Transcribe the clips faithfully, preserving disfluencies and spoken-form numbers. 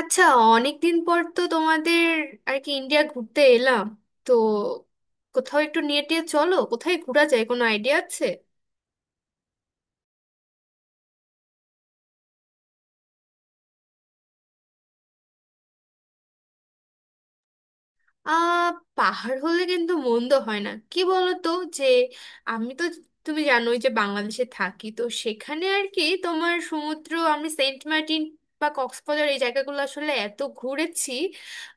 আচ্ছা, অনেকদিন পর তো তোমাদের আর কি ইন্ডিয়া ঘুরতে এলাম। তো কোথাও একটু নিয়ে টিয়ে চলো, কোথায় ঘোরা যায়, কোনো আইডিয়া আছে? আহ পাহাড় হলে কিন্তু মন্দ হয় না, কি বলো তো? যে আমি তো, তুমি জানোই যে বাংলাদেশে থাকি, তো সেখানে আর কি তোমার সমুদ্র, আমি সেন্ট মার্টিন বা কক্সবাজার এই জায়গাগুলো আসলে এত ঘুরেছি।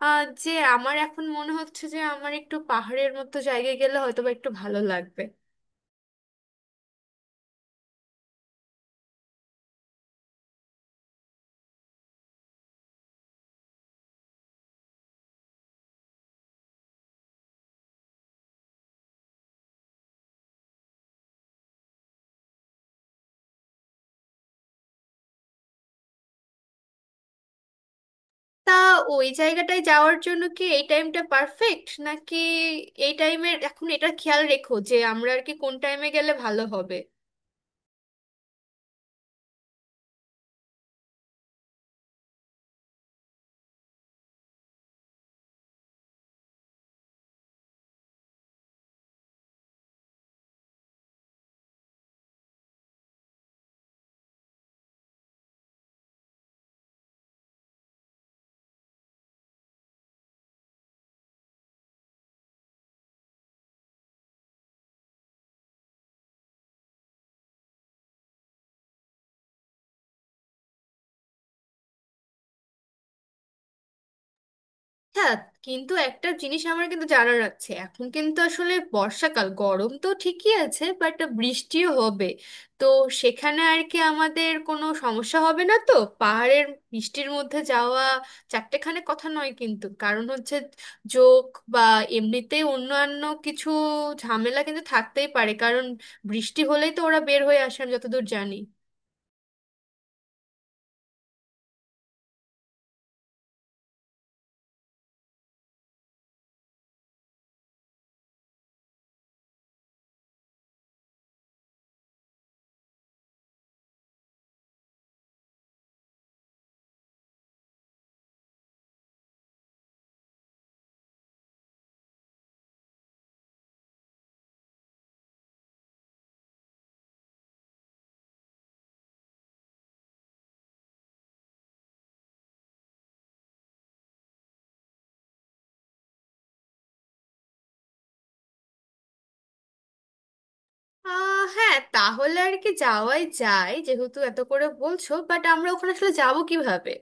আহ যে আমার এখন মনে হচ্ছে যে আমার একটু পাহাড়ের মতো জায়গায় গেলে হয়তো বা একটু ভালো লাগবে। তা ওই জায়গাটায় যাওয়ার জন্য কি এই টাইমটা পারফেক্ট নাকি? এই টাইমের এখন এটা খেয়াল রেখো যে আমরা আর কি কোন টাইমে গেলে ভালো হবে। হ্যাঁ, কিন্তু একটা জিনিস আমার কিন্তু জানার আছে, এখন কিন্তু আসলে বর্ষাকাল, গরম তো ঠিকই আছে বাট বৃষ্টিও হবে। তো সেখানে আর কি আমাদের কোনো সমস্যা হবে না তো? পাহাড়ের বৃষ্টির মধ্যে যাওয়া চারটেখানে কথা নয় কিন্তু, কারণ হচ্ছে যোগ বা এমনিতে অন্যান্য কিছু ঝামেলা কিন্তু থাকতেই পারে, কারণ বৃষ্টি হলেই তো ওরা বের হয়ে আসে আমি যতদূর জানি। আহ হ্যাঁ, তাহলে আর কি যাওয়াই যায়, যেহেতু এত করে বলছো, বাট আমরা ওখানে আসলে যাবো কিভাবে?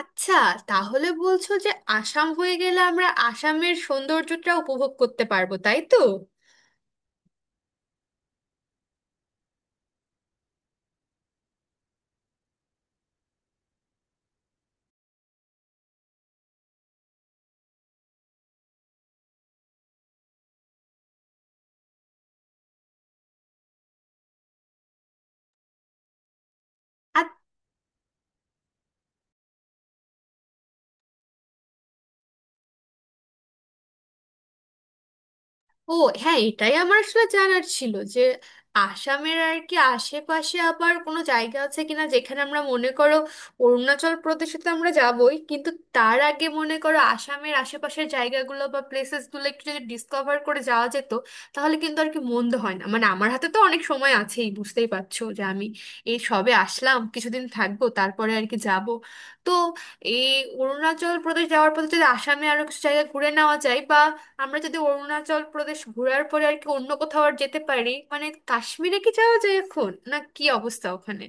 আচ্ছা, তাহলে বলছো যে আসাম হয়ে গেলে আমরা আসামের সৌন্দর্যটা উপভোগ করতে পারবো, তাই তো? ও হ্যাঁ, এটাই আমার আসলে জানার ছিল যে আসামের আর কি আশেপাশে আবার কোনো জায়গা আছে কিনা যেখানে আমরা, মনে করো, অরুণাচল প্রদেশে তো আমরা যাবই, কিন্তু তার আগে মনে করো আসামের আশেপাশের জায়গাগুলো বা প্লেসেসগুলো একটু যদি ডিসকভার করে যাওয়া যেত, তাহলে কিন্তু আর কি মন্দ হয় না। মানে আমার হাতে তো অনেক সময় আছেই, বুঝতেই পারছো যে আমি এই সবে আসলাম, কিছুদিন থাকবো তারপরে আর কি যাব। তো এই অরুণাচল প্রদেশ যাওয়ার পথে যদি আসামে আরো কিছু জায়গা ঘুরে নেওয়া যায়, আমরা যদি অরুণাচল প্রদেশ ঘোরার পরে আর কি অন্য কোথাও আর যেতে পারি, মানে কাশ্মীরে কি যাওয়া যায় এখন, না কি অবস্থা ওখানে?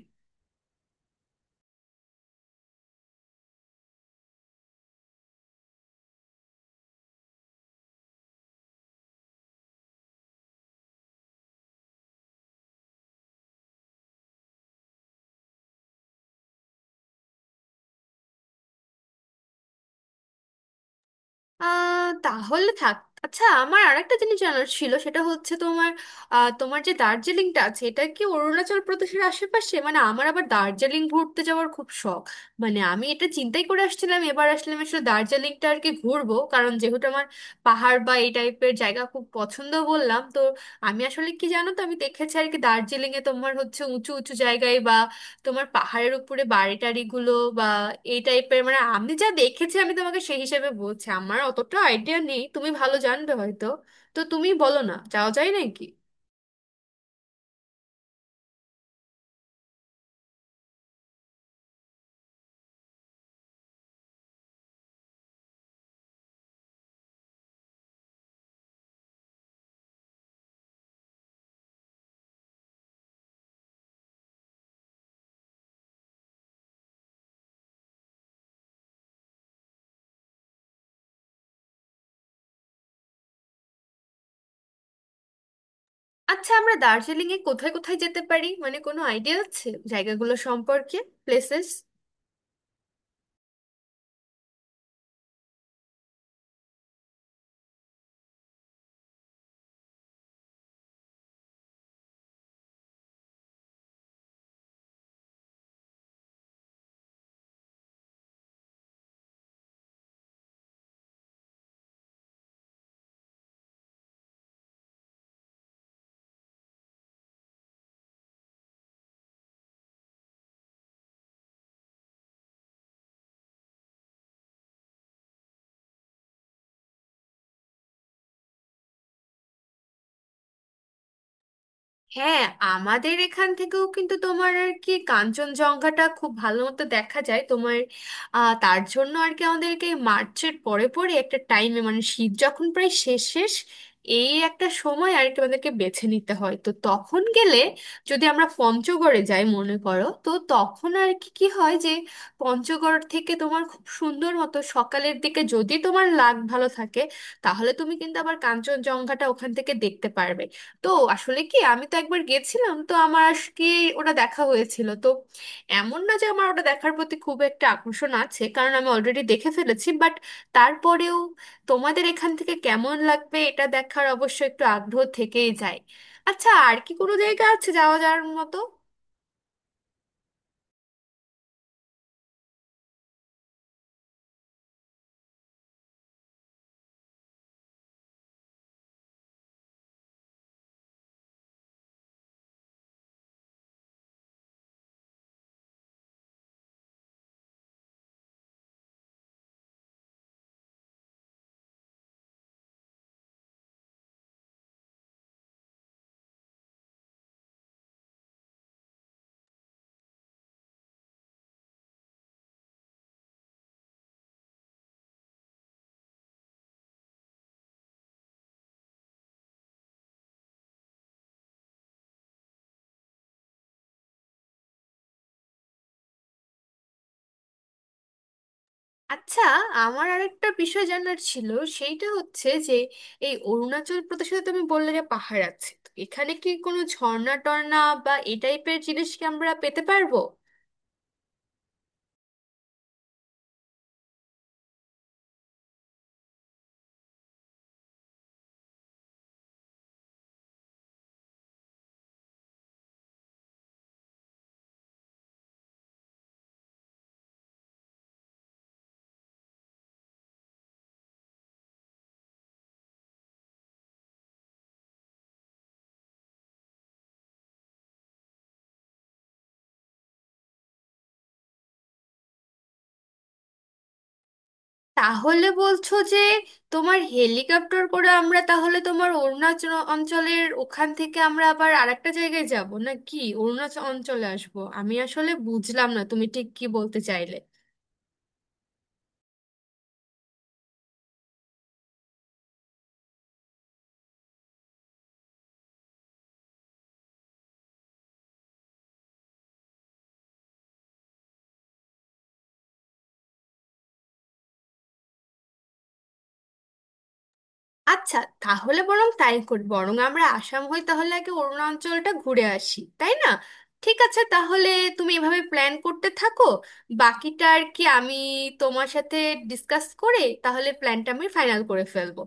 আহ, তাহলে থাক। আচ্ছা, আমার আরেকটা জিনিস জানার ছিল, সেটা হচ্ছে তোমার আহ, তোমার যে দার্জিলিংটা আছে এটা কি অরুণাচল প্রদেশের আশেপাশে? মানে আমার আবার দার্জিলিং ঘুরতে যাওয়ার খুব শখ। মানে আমি এটা চিন্তাই করে আসছিলাম এবার আসলে আমি আসলে দার্জিলিংটা আর কি ঘুরবো, কারণ যেহেতু আমার পাহাড় বা এই টাইপের জায়গা খুব পছন্দ, বললাম তো। আমি আসলে কি জানো তো, আমি দেখেছি আর কি দার্জিলিংয়ে তোমার হচ্ছে উঁচু উঁচু জায়গায় বা তোমার পাহাড়ের উপরে বাড়ি টাড়ি গুলো বা এই টাইপের, মানে আমি যা দেখেছি আমি তোমাকে সেই হিসেবে বলছি, আমার অতটা আইডিয়া নেই, তুমি ভালো জানবে হয়তো। তো তুমি বলো না, যাওয়া যায় নাকি? আচ্ছা, আমরা দার্জিলিং এ কোথায় কোথায় যেতে পারি, মানে কোনো আইডিয়া আছে জায়গাগুলো সম্পর্কে, প্লেসেস? হ্যাঁ, আমাদের এখান থেকেও কিন্তু তোমার আর কি কাঞ্চনজঙ্ঘাটা খুব ভালো মতো দেখা যায় তোমার। আহ, তার জন্য আর কি আমাদেরকে মার্চের পরে পরে একটা টাইমে, মানে শীত যখন প্রায় শেষ শেষ, এই একটা সময় আর কি আমাদেরকে বেছে নিতে হয়। তো তখন গেলে, যদি আমরা পঞ্চগড়ে যাই মনে করো, তো তখন আর কি কি হয় যে পঞ্চগড় থেকে তোমার খুব সুন্দর মতো সকালের দিকে, যদি তোমার লাক ভালো থাকে, তাহলে তুমি কিন্তু আবার কাঞ্চনজঙ্ঘাটা ওখান থেকে দেখতে পারবে। তো আসলে কি, আমি তো একবার গেছিলাম তো আমার আজকে ওটা দেখা হয়েছিল, তো এমন না যে আমার ওটা দেখার প্রতি খুব একটা আকর্ষণ আছে, কারণ আমি অলরেডি দেখে ফেলেছি, বাট তারপরেও তোমাদের এখান থেকে কেমন লাগবে এটা দেখার অবশ্য একটু আগ্রহ থেকেই যায়। আচ্ছা, আর কি কোনো জায়গা আছে যাওয়া যাওয়ার মতো? আচ্ছা, আমার আরেকটা বিষয় জানার ছিল, সেইটা হচ্ছে যে এই অরুণাচল প্রদেশে তো তুমি বললে যে পাহাড় আছে, তো এখানে কি কোনো ঝর্ণা টর্ণা বা এই টাইপের জিনিস কি আমরা পেতে পারবো? তাহলে বলছো যে তোমার হেলিকপ্টার করে আমরা তাহলে তোমার অরুণাচল অঞ্চলের ওখান থেকে আমরা আবার আরেকটা জায়গায় যাব, না কি অরুণাচল অঞ্চলে আসবো? আমি আসলে বুঝলাম না তুমি ঠিক কি বলতে চাইলে। আচ্ছা, তাহলে বরং তাই করি, বরং আমরা আসাম হয়ে তাহলে আগে অরুণাচলটা ঘুরে আসি, তাই না? ঠিক আছে তাহলে, তুমি এভাবে প্ল্যান করতে থাকো, বাকিটা আর কি আমি তোমার সাথে ডিসকাস করে তাহলে প্ল্যানটা আমি ফাইনাল করে ফেলবো।